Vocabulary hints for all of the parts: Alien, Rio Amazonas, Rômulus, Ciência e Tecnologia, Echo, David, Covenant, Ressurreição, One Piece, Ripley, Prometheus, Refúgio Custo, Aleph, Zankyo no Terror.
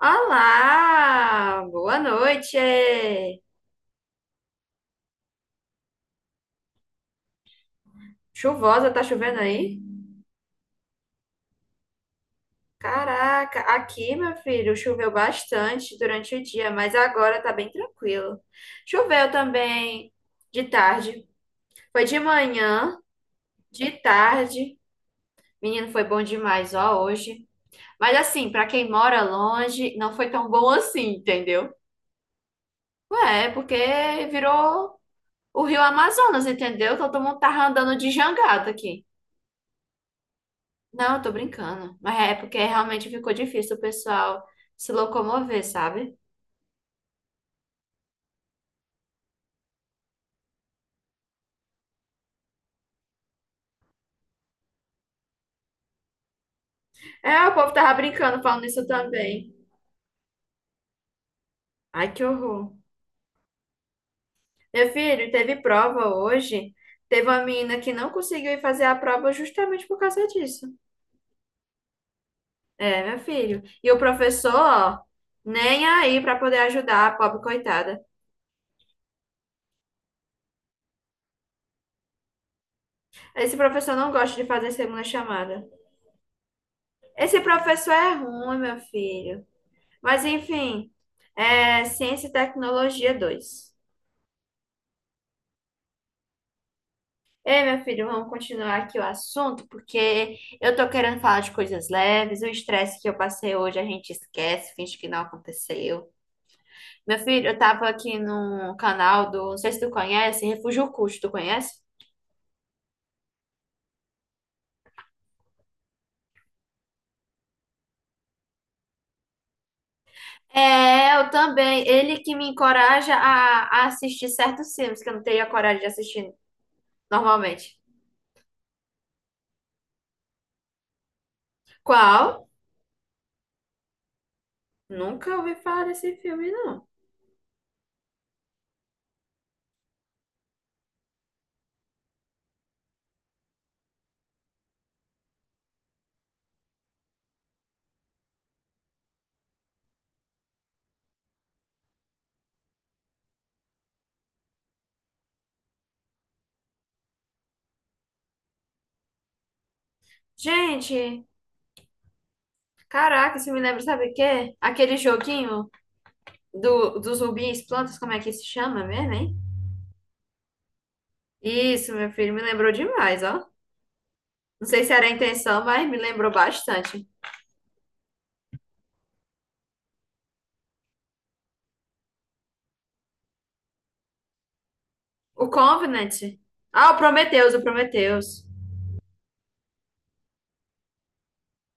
Olá, boa noite. Chuvosa, tá chovendo aí? Caraca, aqui, meu filho, choveu bastante durante o dia, mas agora tá bem tranquilo. Choveu também de tarde. Foi de manhã, de tarde. Menino, foi bom demais, ó, hoje. Mas assim, pra quem mora longe, não foi tão bom assim, entendeu? Ué, é porque virou o Rio Amazonas, entendeu? Todo mundo tava andando de jangada aqui. Não, eu tô brincando. Mas é porque realmente ficou difícil o pessoal se locomover, sabe? É, o povo tava brincando falando isso também. Ai, que horror. Meu filho, teve prova hoje. Teve uma menina que não conseguiu ir fazer a prova justamente por causa disso. É, meu filho. E o professor, ó, nem aí pra poder ajudar a pobre coitada. Esse professor não gosta de fazer segunda chamada. Esse professor é ruim, meu filho. Mas enfim, é Ciência e Tecnologia 2. Ei, meu filho, vamos continuar aqui o assunto, porque eu tô querendo falar de coisas leves. O estresse que eu passei hoje a gente esquece, finge que não aconteceu. Meu filho, eu tava aqui num canal do, não sei se tu conhece, Refúgio Custo, tu conhece? É, eu também. Ele que me encoraja a assistir certos filmes que eu não teria coragem de assistir normalmente. Qual? Nunca ouvi falar desse filme, não. Gente, caraca, isso me lembra, sabe o quê? Aquele joguinho. Dos rubins, plantas, como é que se chama mesmo, hein? Isso, meu filho, me lembrou demais, ó. Não sei se era a intenção, mas me lembrou bastante. O Covenant. Ah, o Prometheus, o Prometheus.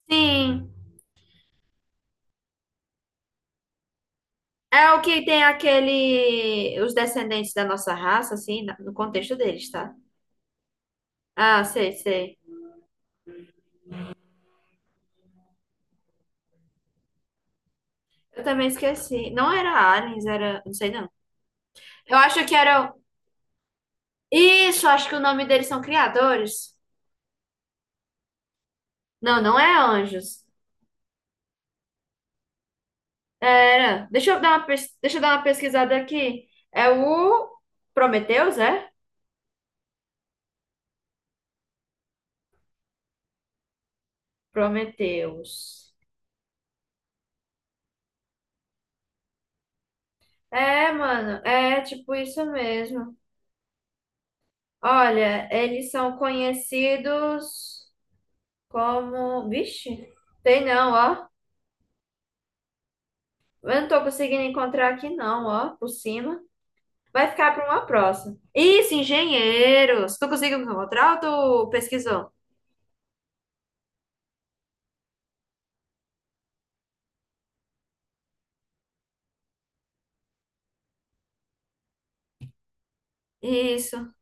Sim, é o que tem aquele. Os descendentes da nossa raça, assim, na- no contexto deles, tá? Ah, sei, sei. Eu também esqueci. Não era aliens, era. Não sei, não. Eu acho que era. Isso, acho que o nome deles são criadores. Não, não é anjos. Era. Deixa eu dar uma, pes- deixa eu dar uma pesquisada aqui. É o Prometheus, é? Prometheus. É, mano, é tipo isso mesmo. Olha, eles são conhecidos como. Vixe, tem não, ó. Eu não tô conseguindo encontrar aqui, não, ó, por cima. Vai ficar para uma próxima. Isso, engenheiros. Tu conseguiu encontrar ou tu pesquisou? Isso.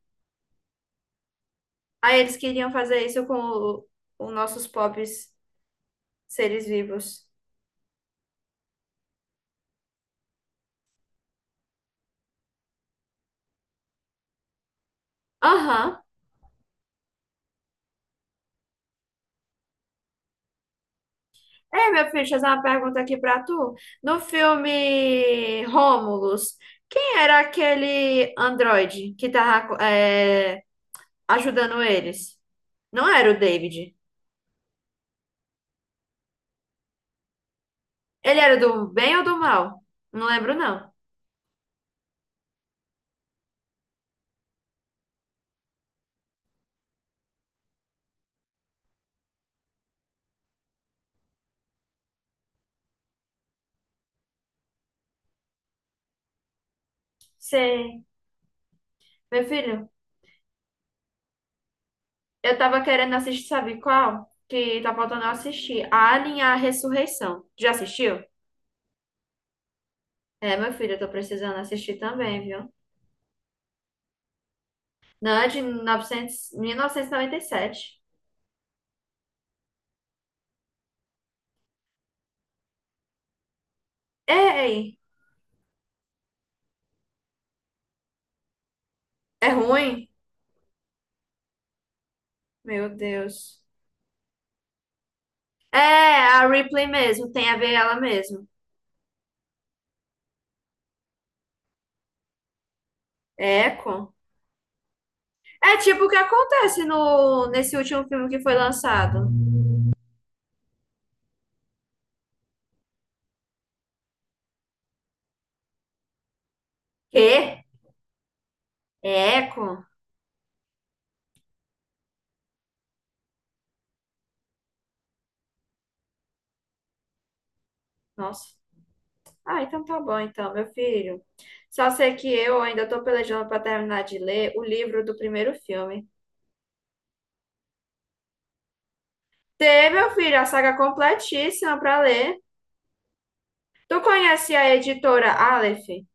Aí eles queriam fazer isso com o- os nossos pobres. Seres vivos. Aham. É, meu filho, deixa eu fazer uma pergunta aqui pra tu. No filme Rômulus, quem era aquele androide que tava ajudando eles? Não era o David. Ele era do bem ou do mal? Não lembro, não. Sei. Meu filho, eu tava querendo assistir, sabe qual? Que tá faltando eu assistir. Alien, e a Ressurreição. Já assistiu? É, meu filho, eu tô precisando assistir também, viu? Não, é de 900, 1997. Ei, é ruim? Meu Deus. É, a Ripley mesmo, tem a ver ela mesmo. É, Echo. É tipo o que acontece no, nesse último filme que foi lançado. Quê? É Echo? Nossa. Ah, então tá bom, então, meu filho. Só sei que eu ainda tô pelejando pra terminar de ler o livro do primeiro filme. Tê, meu filho, a saga completíssima pra ler. Tu conhece a editora Aleph?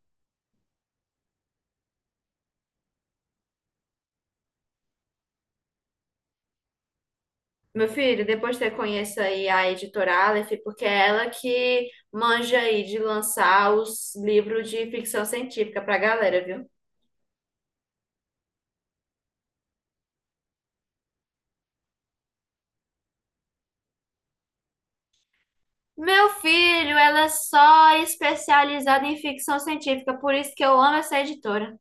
Meu filho, depois você conheça aí a editora Aleph, porque é ela que manja aí de lançar os livros de ficção científica pra galera, viu? Meu filho, ela é só especializada em ficção científica, por isso que eu amo essa editora.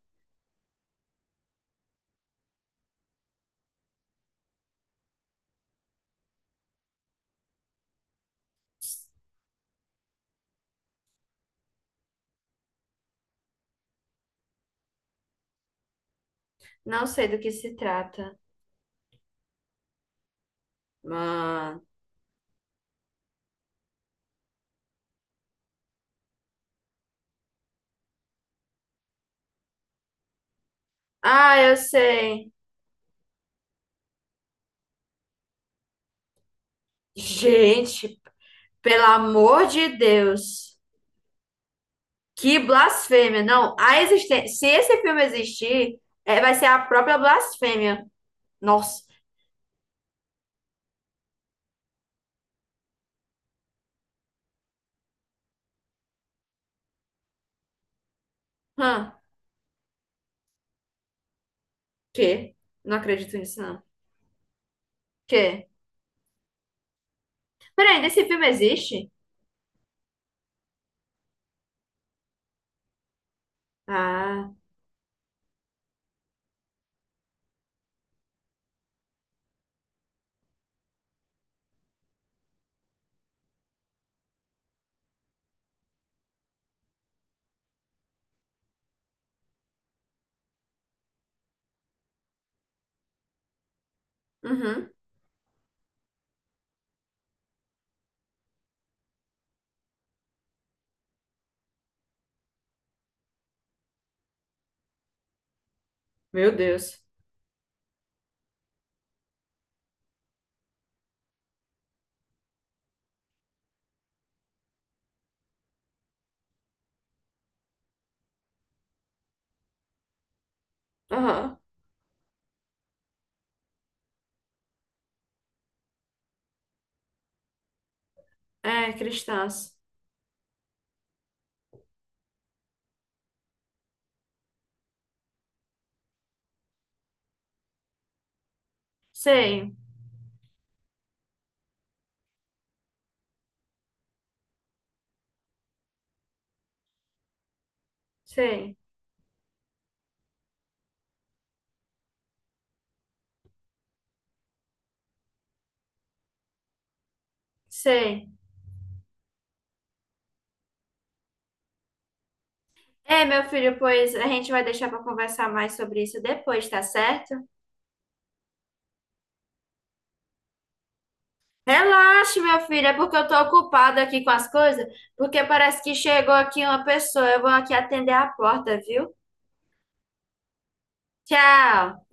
Não sei do que se trata. Mano. Ah, eu sei. Gente, pelo amor de Deus. Que blasfêmia. Não, a existência. Se esse filme existir, é, vai ser a própria blasfêmia. Nossa. Hã. Que? Não acredito nisso, não. Quê? Peraí, nesse filme existe? Ah, uhum. Meu Deus. Aham. É, cristãs. Sei, sei, sei. É, meu filho, pois a gente vai deixar pra conversar mais sobre isso depois, tá certo? Relaxe, meu filho, é porque eu tô ocupada aqui com as coisas, porque parece que chegou aqui uma pessoa. Eu vou aqui atender a porta, viu? Tchau.